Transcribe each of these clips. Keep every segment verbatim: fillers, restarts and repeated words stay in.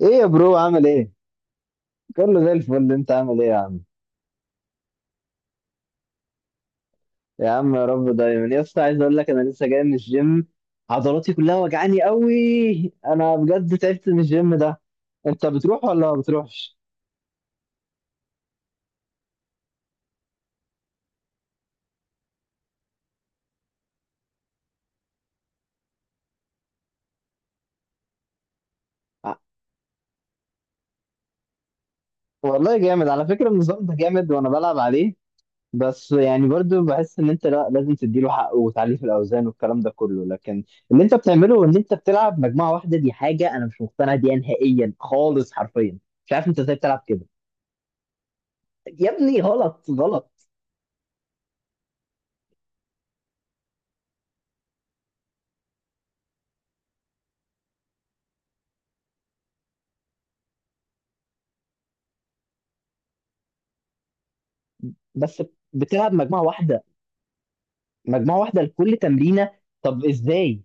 ايه يا برو عامل ايه؟ كله زي الفل، انت عامل ايه يا عم؟ يا عم يا رب دايما، يا اسطى عايز اقول لك انا لسه جاي من الجيم. عضلاتي كلها وجعاني قوي، انا بجد تعبت من الجيم ده. انت بتروح ولا ما بتروحش؟ ع- والله جامد على فكرة، النظام ده جامد وانا بلعب عليه. بس يعني برضو بحس ان انت لا، لازم تديله حقه وتعليه في الاوزان والكلام ده كله. لكن اللي انت بتعمله ان انت بتلعب مجموعة واحدة، دي حاجة انا مش مقتنع بيها نهائيا خالص حرفيا. مش عارف انت ازاي بتلعب كده، يا ابني غلط غلط. بس بتلعب مجموعه واحده، مجموعه واحده لكل تمرينه، طب ازاي؟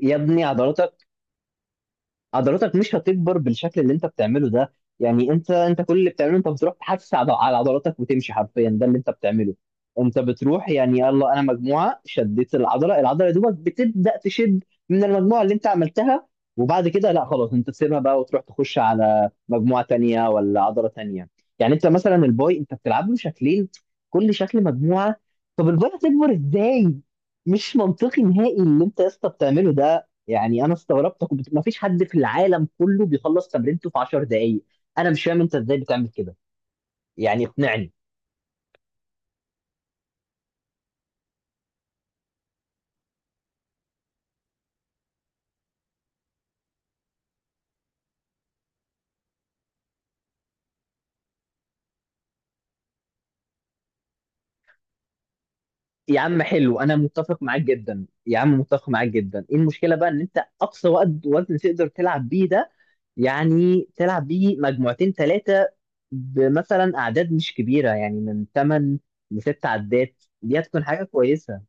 يا ابني عضلات عضلاتك مش هتكبر بالشكل اللي انت بتعمله ده. يعني انت انت كل اللي بتعمله، انت بتروح تحفز عض- على عضلاتك وتمشي حرفيا، ده اللي انت بتعمله. انت بتروح يعني يلا، انا مجموعه شديت العضله، العضله يا دوبك بتبدا تشد من المجموعه اللي انت عملتها، وبعد كده لا خلاص، انت تسيبها بقى وتروح تخش على مجموعه تانية ولا عضله تانية. يعني انت مثلا الباي، انت بتلعب له شكلين، كل شكل مجموعه، طب الباي هتكبر ازاي؟ مش منطقي نهائي اللي انت يا اسطى بتعمله ده. يعني انا استغربت، كنت ما فيش حد في العالم كله بيخلص تمرينته في عشر دقائق. انا مش فاهم انت ازاي بتعمل كده، يعني اقنعني. يا عم حلو، انا متفق معاك جدا يا عم، متفق معاك جدا. ايه المشكله بقى ان انت اقصى وقت وزن تقدر تلعب بيه ده، يعني تلعب بيه مجموعتين ثلاثه، بمثلا اعداد مش كبيره، يعني من ثماني ل ست عدات، دي هتكون حاجه كويسه.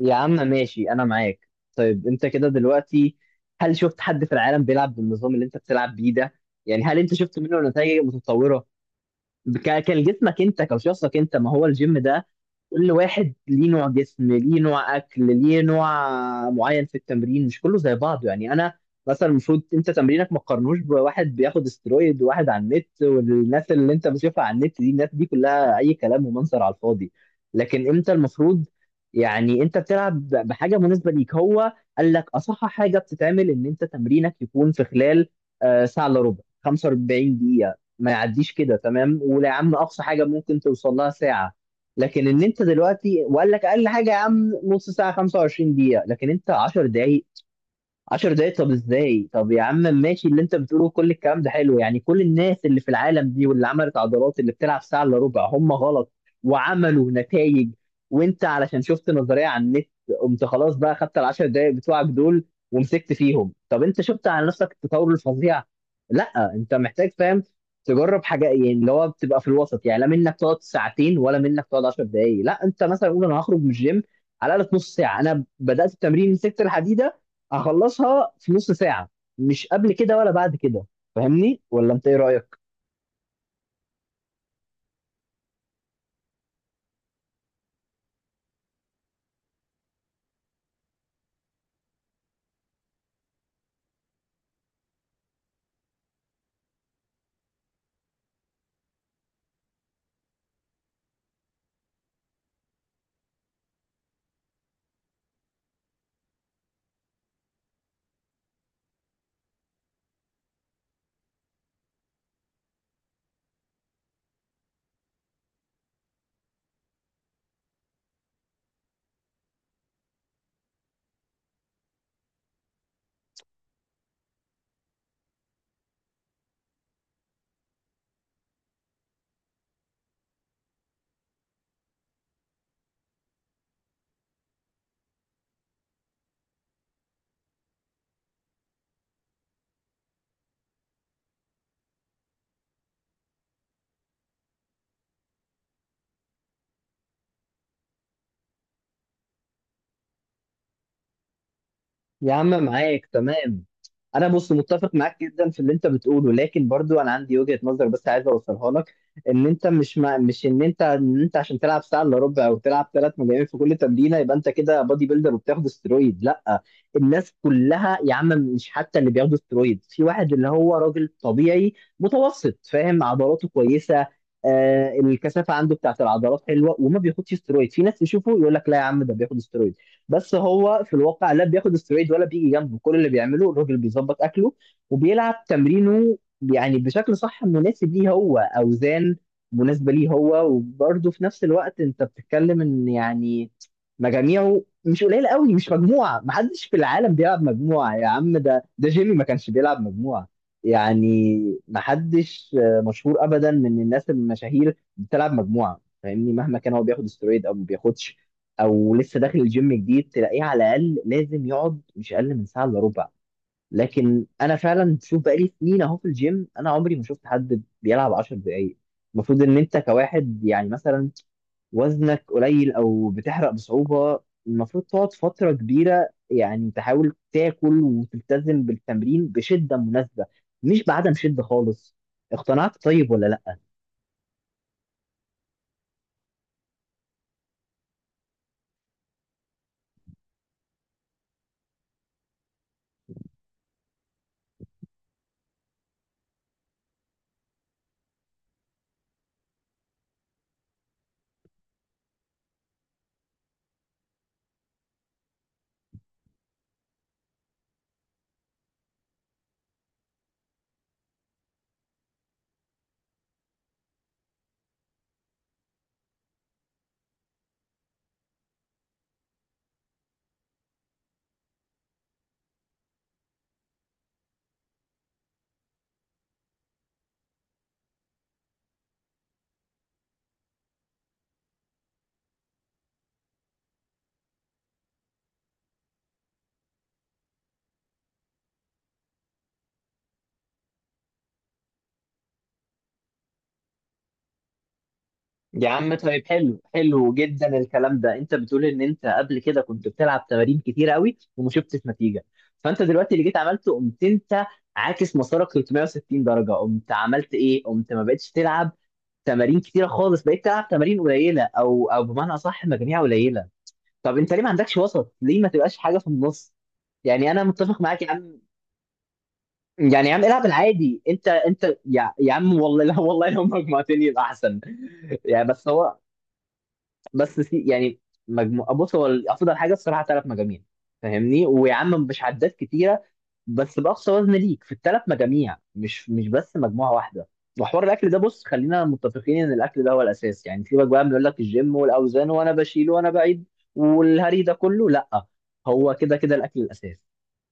يا عم ماشي انا معاك. طيب انت كده دلوقتي، هل شفت حد في العالم بيلعب بالنظام اللي انت بتلعب بيه ده؟ يعني هل انت شفت منه نتائج متطورة؟ ك- كان جسمك انت، كشخصك انت، ما هو الجيم ده، كل واحد ليه نوع جسم، ليه نوع اكل، ليه نوع معين في التمرين، مش كله زي بعضه. يعني انا مثلا، المفروض انت تمرينك ما تقارنوش بواحد بياخد استرويد، وواحد على النت، والناس اللي انت بتشوفها على النت دي، الناس دي كلها اي كلام ومنظر على الفاضي. لكن انت المفروض يعني، انت بتلعب ب- بحاجه مناسبه ليك هو. قال لك اصح حاجه بتتعمل ان انت تمرينك يكون في خلال آه، ساعه الا ربع، خمس واربعين دقيقه. ما يعديش كده، تمام؟ ولا يا عم اقصى حاجه ممكن توصل لها ساعه. لكن ان انت دلوقتي، وقال لك اقل حاجه يا عم نص ساعه، خمسه وعشرين دقيقه، لكن انت عشر دقائق. عشر دقايق، طب ازاي؟ طب يا عم ماشي، اللي انت بتقوله كل الكلام ده حلو، يعني كل الناس اللي في العالم دي واللي عملت عضلات، اللي بتلعب ساعة الا ربع، هم غلط وعملوا نتائج؟ وانت علشان شفت نظرية على النت، قمت خلاص بقى خدت ال عشر دقايق بتوعك دول ومسكت فيهم. طب انت شفت على نفسك التطور الفظيع؟ لا، انت محتاج فاهم تجرب حاجة، يعني اللي هو بتبقى في الوسط، يعني لا منك تقعد ساعتين، ولا منك تقعد عشر دقايق. لا، انت مثلا قول انا هخرج من الجيم على الاقل نص ساعة، انا بدأت التمرين، مسكت الحديدة، هخلصها في نص ساعة، مش قبل كده ولا بعد كده. فاهمني ولا انت ايه رأيك؟ يا عم معاك تمام، انا بص متفق معاك جدا في اللي انت بتقوله، لكن برضو انا عندي وجهة نظر، بس عايز اوصلها لك. ان انت مش مع... مش ان انت، ان انت عشان تلعب ساعه الا ربع او تلعب ثلاث مجاميع في كل تمرينه، يبقى انت كده بادي بيلدر وبتاخد استرويد؟ لا. الناس كلها يا عم، مش حتى اللي بياخدوا استرويد، في واحد اللي هو راجل طبيعي متوسط، فاهم، عضلاته كويسه، آه الكثافه عنده بتاعت العضلات حلوه، وما بياخدش استرويد. في ناس يشوفه يقول لك لا يا عم ده بياخد استرويد، بس هو في الواقع لا بياخد استرويد ولا بيجي جنبه. كل اللي بيعمله الراجل بيظبط اكله، وبيلعب تمرينه يعني بشكل صح مناسب ليه هو، اوزان مناسبه ليه هو. وبرده في نفس الوقت انت بتتكلم ان يعني، مجاميعه مش قليله قوي، مش مجموعه. محدش في العالم بيلعب مجموعه يا عم، ده ده جيمي ما كانش بيلعب مجموعه. يعني محدش آه، مشهور ابدا من الناس المشاهير بتلعب مجموعه، فاهمني؟ مهما كان هو بياخد استرويد او ما بياخدش، او لسه داخل الجيم جديد، تلاقيه على الاقل لازم يقعد مش اقل من ساعه الا ربع. لكن انا فعلا شوف، بقالي سنين اهو في الجيم، انا عمري ما شفت حد بيلعب عشر دقائق. المفروض ان انت كواحد يعني، مثلا وزنك قليل او بتحرق بصعوبه، المفروض تقعد فتره كبيره، يعني تحاول تاكل وتلتزم بالتمرين بشده مناسبه، مش بعدم شده خالص. اقتنعت طيب ولا لا؟ يا عم طيب، حلو حلو جدا الكلام ده. انت بتقول ان انت قبل كده كنت بتلعب تمارين كتير قوي وما شفتش نتيجه، فانت دلوقتي اللي جيت عملته، قمت انت عاكس مسارك ثلاثمية وستين درجه، قمت عملت ايه، قمت ما بقتش تلعب تمارين كتيره خالص، بقيت تلعب تمارين قليله، او او بمعنى اصح مجاميع قليله. طب انت ليه ما عندكش وسط، ليه ما تبقاش حاجه في النص؟ يعني انا متفق معاك يا عم. يعني يا عم العب العادي. انت انت يا, يا عم، والله لا والله لو مجموعتين يبقى احسن. يعني بس هو، بس سي يعني، مجموعة، بص هو افضل حاجه الصراحه ثلاث مجاميع، فاهمني؟ ويا عم مش عدات كتيره، بس باقصى وزن ليك في الثلاث مجاميع، مش مش بس مجموعه واحده. وحوار الاكل ده بص، خلينا متفقين ان الاكل ده هو الاساس، يعني سيبك بقى من يقول لك الجيم والاوزان وانا بشيل وانا بعيد والهري ده كله، لا. هو كده كده الاكل الاساس.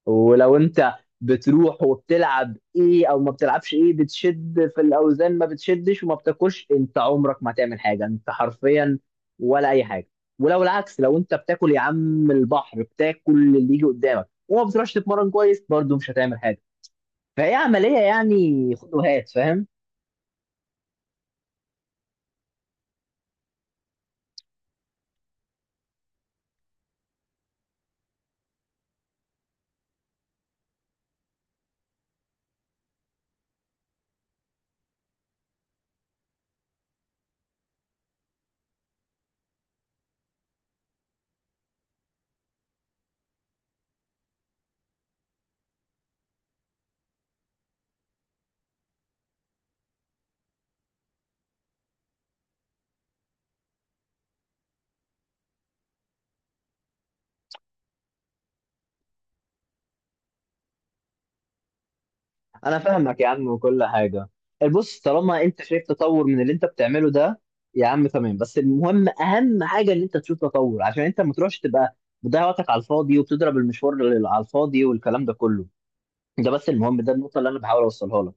ولو انت بتروح وبتلعب ايه، او ما بتلعبش ايه، بتشد في الاوزان ما بتشدش وما بتاكلش، انت عمرك ما تعمل حاجه، انت حرفيا ولا اي حاجه. ولو العكس، لو انت بتاكل يا عم البحر، بتاكل اللي يجي قدامك وما بتروحش تتمرن كويس، برضه مش هتعمل حاجه. فهي عمليه يعني، خد وهات، فاهم؟ انا فاهمك يا عم وكل حاجه، بص، طالما انت شايف تطور من اللي انت بتعمله ده يا عم، تمام، بس المهم اهم حاجه ان انت تشوف تطور، عشان انت ما تروحش تبقى بتضيع وقتك على الفاضي وبتضرب المشوار لل- على الفاضي والكلام ده كله. ده بس المهم، ده النقطه اللي انا بحاول اوصلها لك.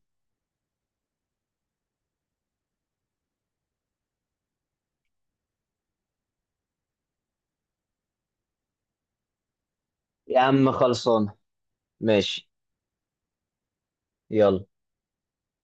يا عم خلصان، ماشي. يلا.